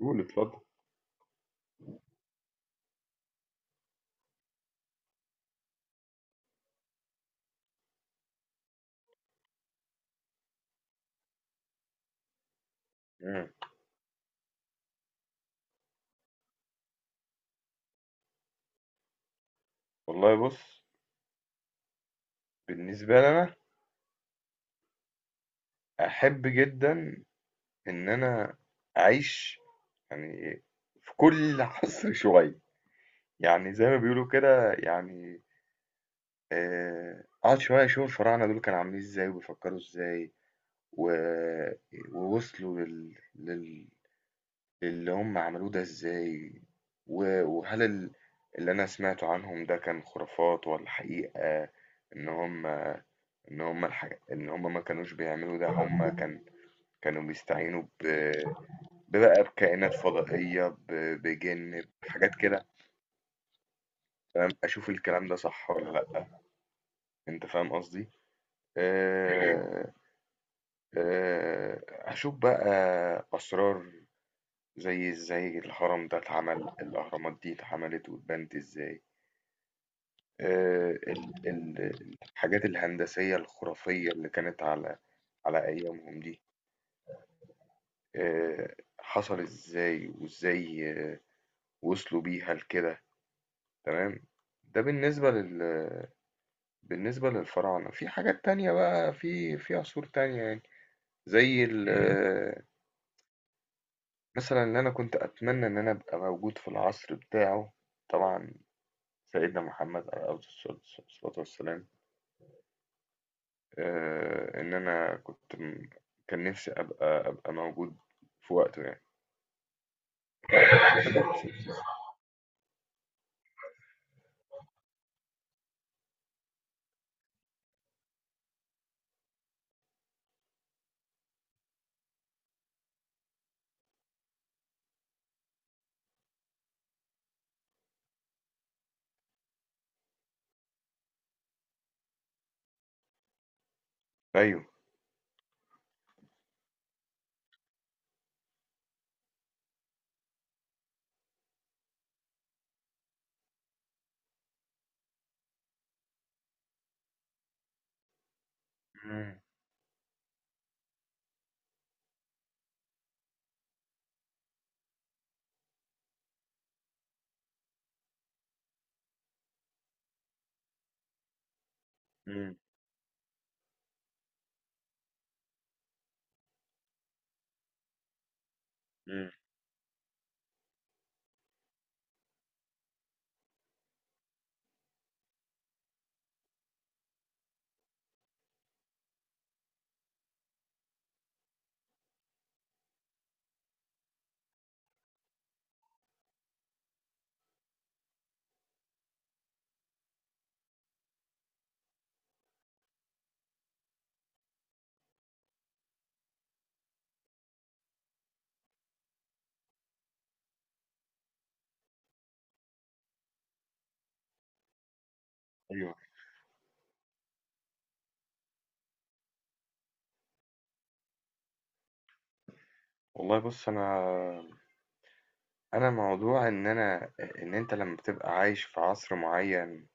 قول اتفضل. امم والله بص، بالنسبة لي أنا أحب جدا إن أنا أعيش يعني في كل عصر شوية. يعني زي ما بيقولوا كده يعني، أقعد شوية أشوف الفراعنة دول كانوا عاملين إزاي وبيفكروا إزاي و... ووصلوا للي هم عملوه ده إزاي وهل اللي أنا سمعته عنهم ده كان خرافات ولا حقيقة. إن هم إن هم الحاجة إن هم ما كانوش بيعملوا ده، هم كانوا بيستعينوا ببقى بكائنات فضائية، بجن بحاجات كده. فاهم، أشوف الكلام ده صح ولا لأ. أنت فاهم قصدي؟ أه... أشوف بقى أسرار، زي إزاي الهرم ده اتعمل، الأهرامات دي اتعملت واتبنت إزاي. الحاجات الهندسية الخرافية اللي كانت على على أيامهم دي، حصل ازاي وازاي، وصلوا بيها لكده. تمام. ده بالنسبة بالنسبة للفراعنة. في حاجات تانية بقى في عصور تانية يعني. زي ال آه، مثلا اللي أنا كنت أتمنى إن أنا أبقى موجود في العصر بتاعه، طبعا سيدنا محمد عليه أفضل الصلاة، الصلاة والسلام. إن أنا كان نفسي أبقى موجود في وقته يعني. أيوه. مم. مم. مم. أيوه. والله بُص، أنا موضوع إن أنا أ إن أنت لمّا بتبقى عايش في عصر معيّن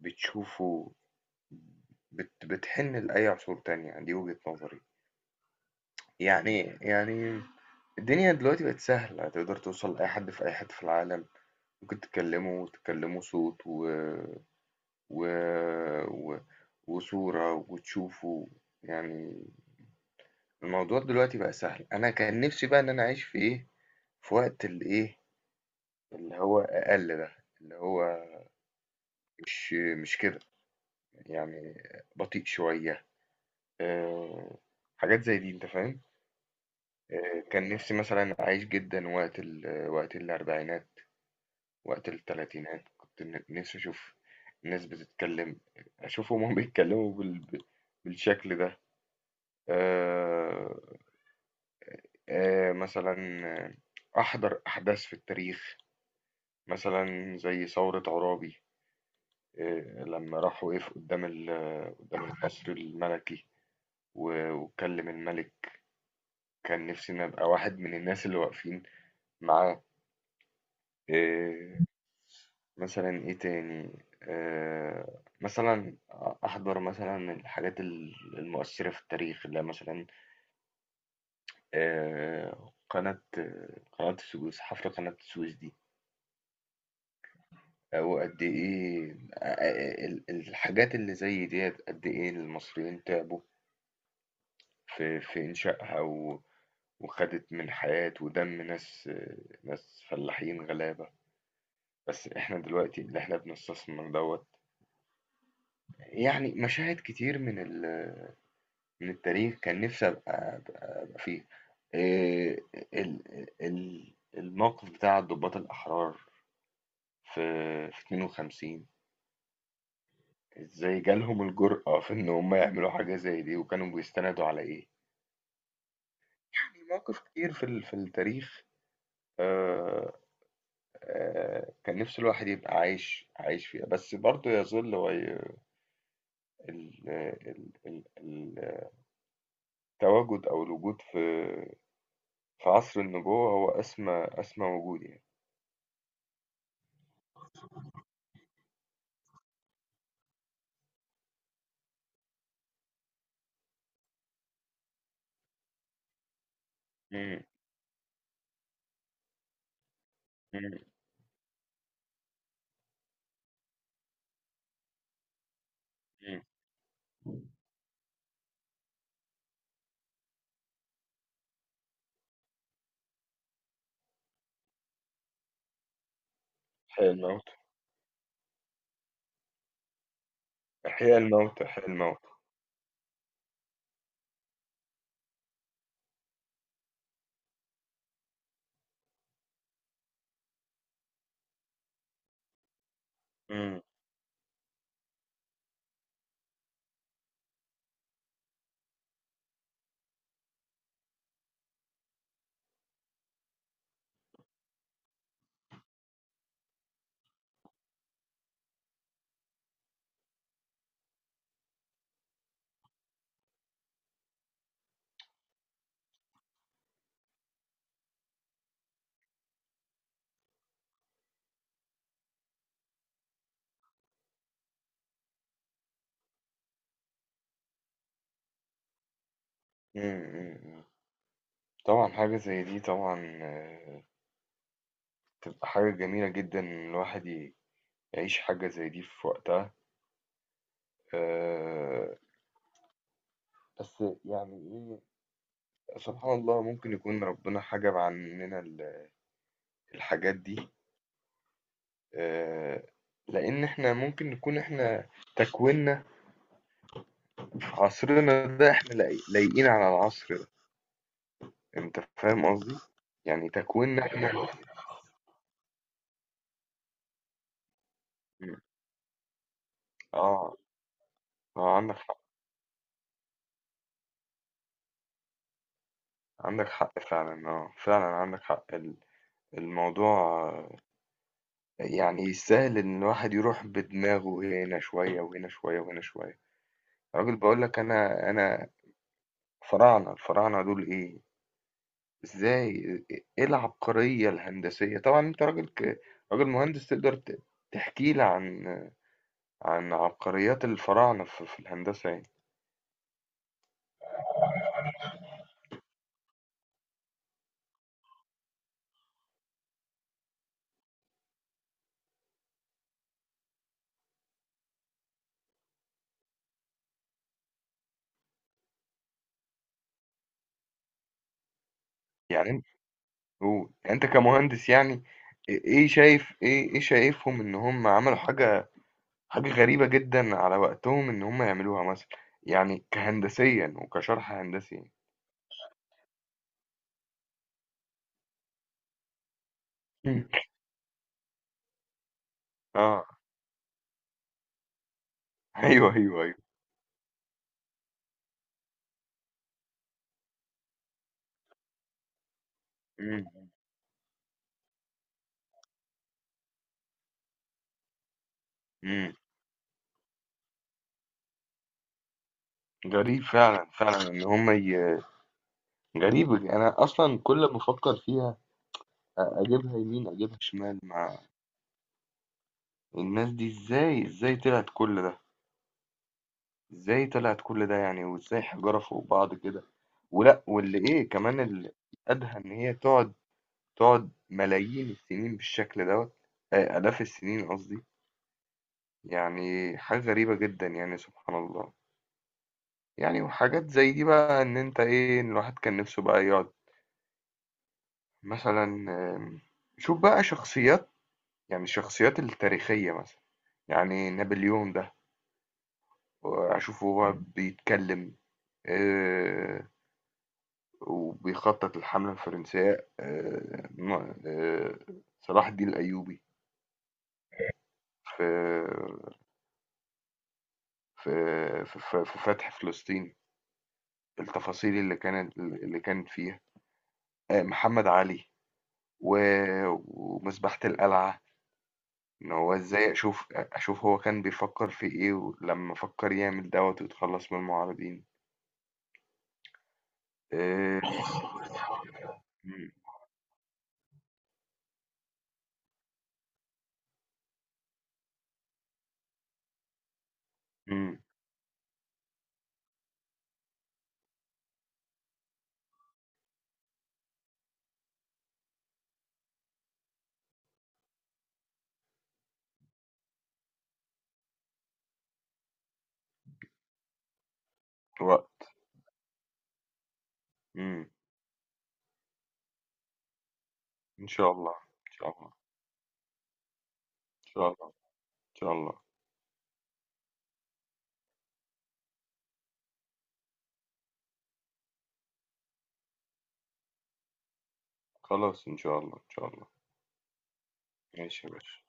بتشوفه، بتحِن لأي عصور تانية، دي وجهة نظري. يعني إيه؟ يعني الدنيا دلوقتي بقت سهلة، تقدر توصل لأي حد في أي حتّة في العالم، ممكن تكلّمه وتكلّمه صوت و و و وصورة وتشوفه، يعني الموضوع دلوقتي بقى سهل. أنا كان نِفْسي بقى إن أنا أعيش في في وقت اللي هو أقل ده، اللي هو مش مش كده يعني، بطيء شوية. أه، حاجات زي دي أنت فاهم. أه، كان نفسي مثلا أعيش جدا وقت وقت الأربعينات، وقت التلاتينات. كنت نفسي أشوف الناس بتتكلم، أشوف هما بيتكلموا بالشكل ده. أه. أه مثلا، آه، أحضر أحداث في التاريخ، مثلا زي ثورة عرابي. إيه، لما راح وقف قدام قدام القصر الملكي و- واتكلم الملك، كان نفسي ان ابقى واحد من الناس اللي واقفين معاه. إيه، مثلا ايه تاني، مثلا احضر مثلا الحاجات المؤثرة في التاريخ اللي هي مثلا، آه، قناة قناة السويس، حفر قناة السويس دي. او قد ايه، الحاجات اللي زي ديت، قد ايه المصريين تعبوا في إنشائها، و... وخدت من حياة ودم ناس فلاحين غلابة. بس احنا دلوقتي اللي احنا بنستثمر دوت. يعني مشاهد كتير من ال... من التاريخ كان نفسي ابقى أبقى فيه. إيه، ال... ال... الموقف بتاع الضباط الأحرار في 52، ازاي جالهم الجرأة في ان هم يعملوا حاجة زي دي، وكانوا بيستندوا على ايه. يعني مواقف كتير في ال... في التاريخ، آه، كان نِفْسه الواحد يبقى عايش فيها، بس برضه يظل وي ال ال ال ال التواجد أو الوجود في عصر النبوة هو أسمى وجود يعني. إمم، إمم، إمم. إحياء الموتى، إحياء الموتى، إحياء الموتى. إمم، إمم، إمم، إمم. طبعًا حاجة زي دي طبعًا بتبقى حاجة جميلة جدًا إن الواحد يعيش حاجة زي دي في وقتها. آآ بس يعني إيه، سبحان الله ممكن يكون ربنا حجَب عننا ال الحاجات دي. آه، لأن إحنا ممكن نكون إحنا تكويننا في عصرنا ده، إحنا لايقين على العصر ده. أنت فاهم قصدي؟ يعني تكويننا إحنا. م. آه، آه عندك حق، عندك حق فعلا، آه فعلا عندك حق. الموضوع، آه، يعني يستاهل إن الواحد يروح بدماغه هنا شوية وهنا شوية وهنا شوية. راجل بقول لك أنا الفراعنة دول إيه؟ ازاي، ايه العبقرية الهندسية؟ طبعا انت راجل راجل مهندس، تقدر تحكي لي عن عبقريات الفراعنة في, في الهندسة يعني. يعني انت قول. يعني انت كمهندس يعني، ايه شايف، ايه شايفهم ان هم عملوا حاجة غريبة جدا على وقتهم ان هم يعملوها مثلا، يعني كهندسيا وكشرح هندسي. مم. اه ايوه ايوه ايوه. مم. مم. غريب فعلا، فعلا ان هم، غريبة دي. أنا أصلا كل ما أفكر فيها أجيبها يمين أجيبها شمال. مع الناس دي إزاي، إزاي طلعت كل ده، إزاي طلعت كل ده يعني، وإزاي حجارة فوق بعض كده؟ ولا واللي إيه كمان الأدهى إن هي تقعد ملايين السنين بالشكل دوت، آلاف السنين قصدي. يعني حاجة غريبة جدا يعني سبحان الله. يعني وحاجات زي دي بقى إن أنت إيه، إن الواحد كان نفسه بقى يقعد مثلا، آم، شوف بقى شخصيات، يعني الشخصيات التاريخية مثلا، يعني نابليون ده أشوفه هو بيتكلم، آه، وبيخطط الحملة الفرنسية. صلاح الدين الأيوبي في في في فتح فلسطين، التفاصيل اللي كانت فيها. محمد علي و- ومذبحة القلعة، إن هو إزاي أشوف هو كان بيفكر في إيه لما فكر يعمل دوت ويتخلص من المعارضين. آه، إمم، إمم، وقت، إمم، إن شاء الله، إن شاء الله، إن شاء الله، إن شاء الله، خلاص إن شاء الله، إن شاء الله، ماشي يا باشا.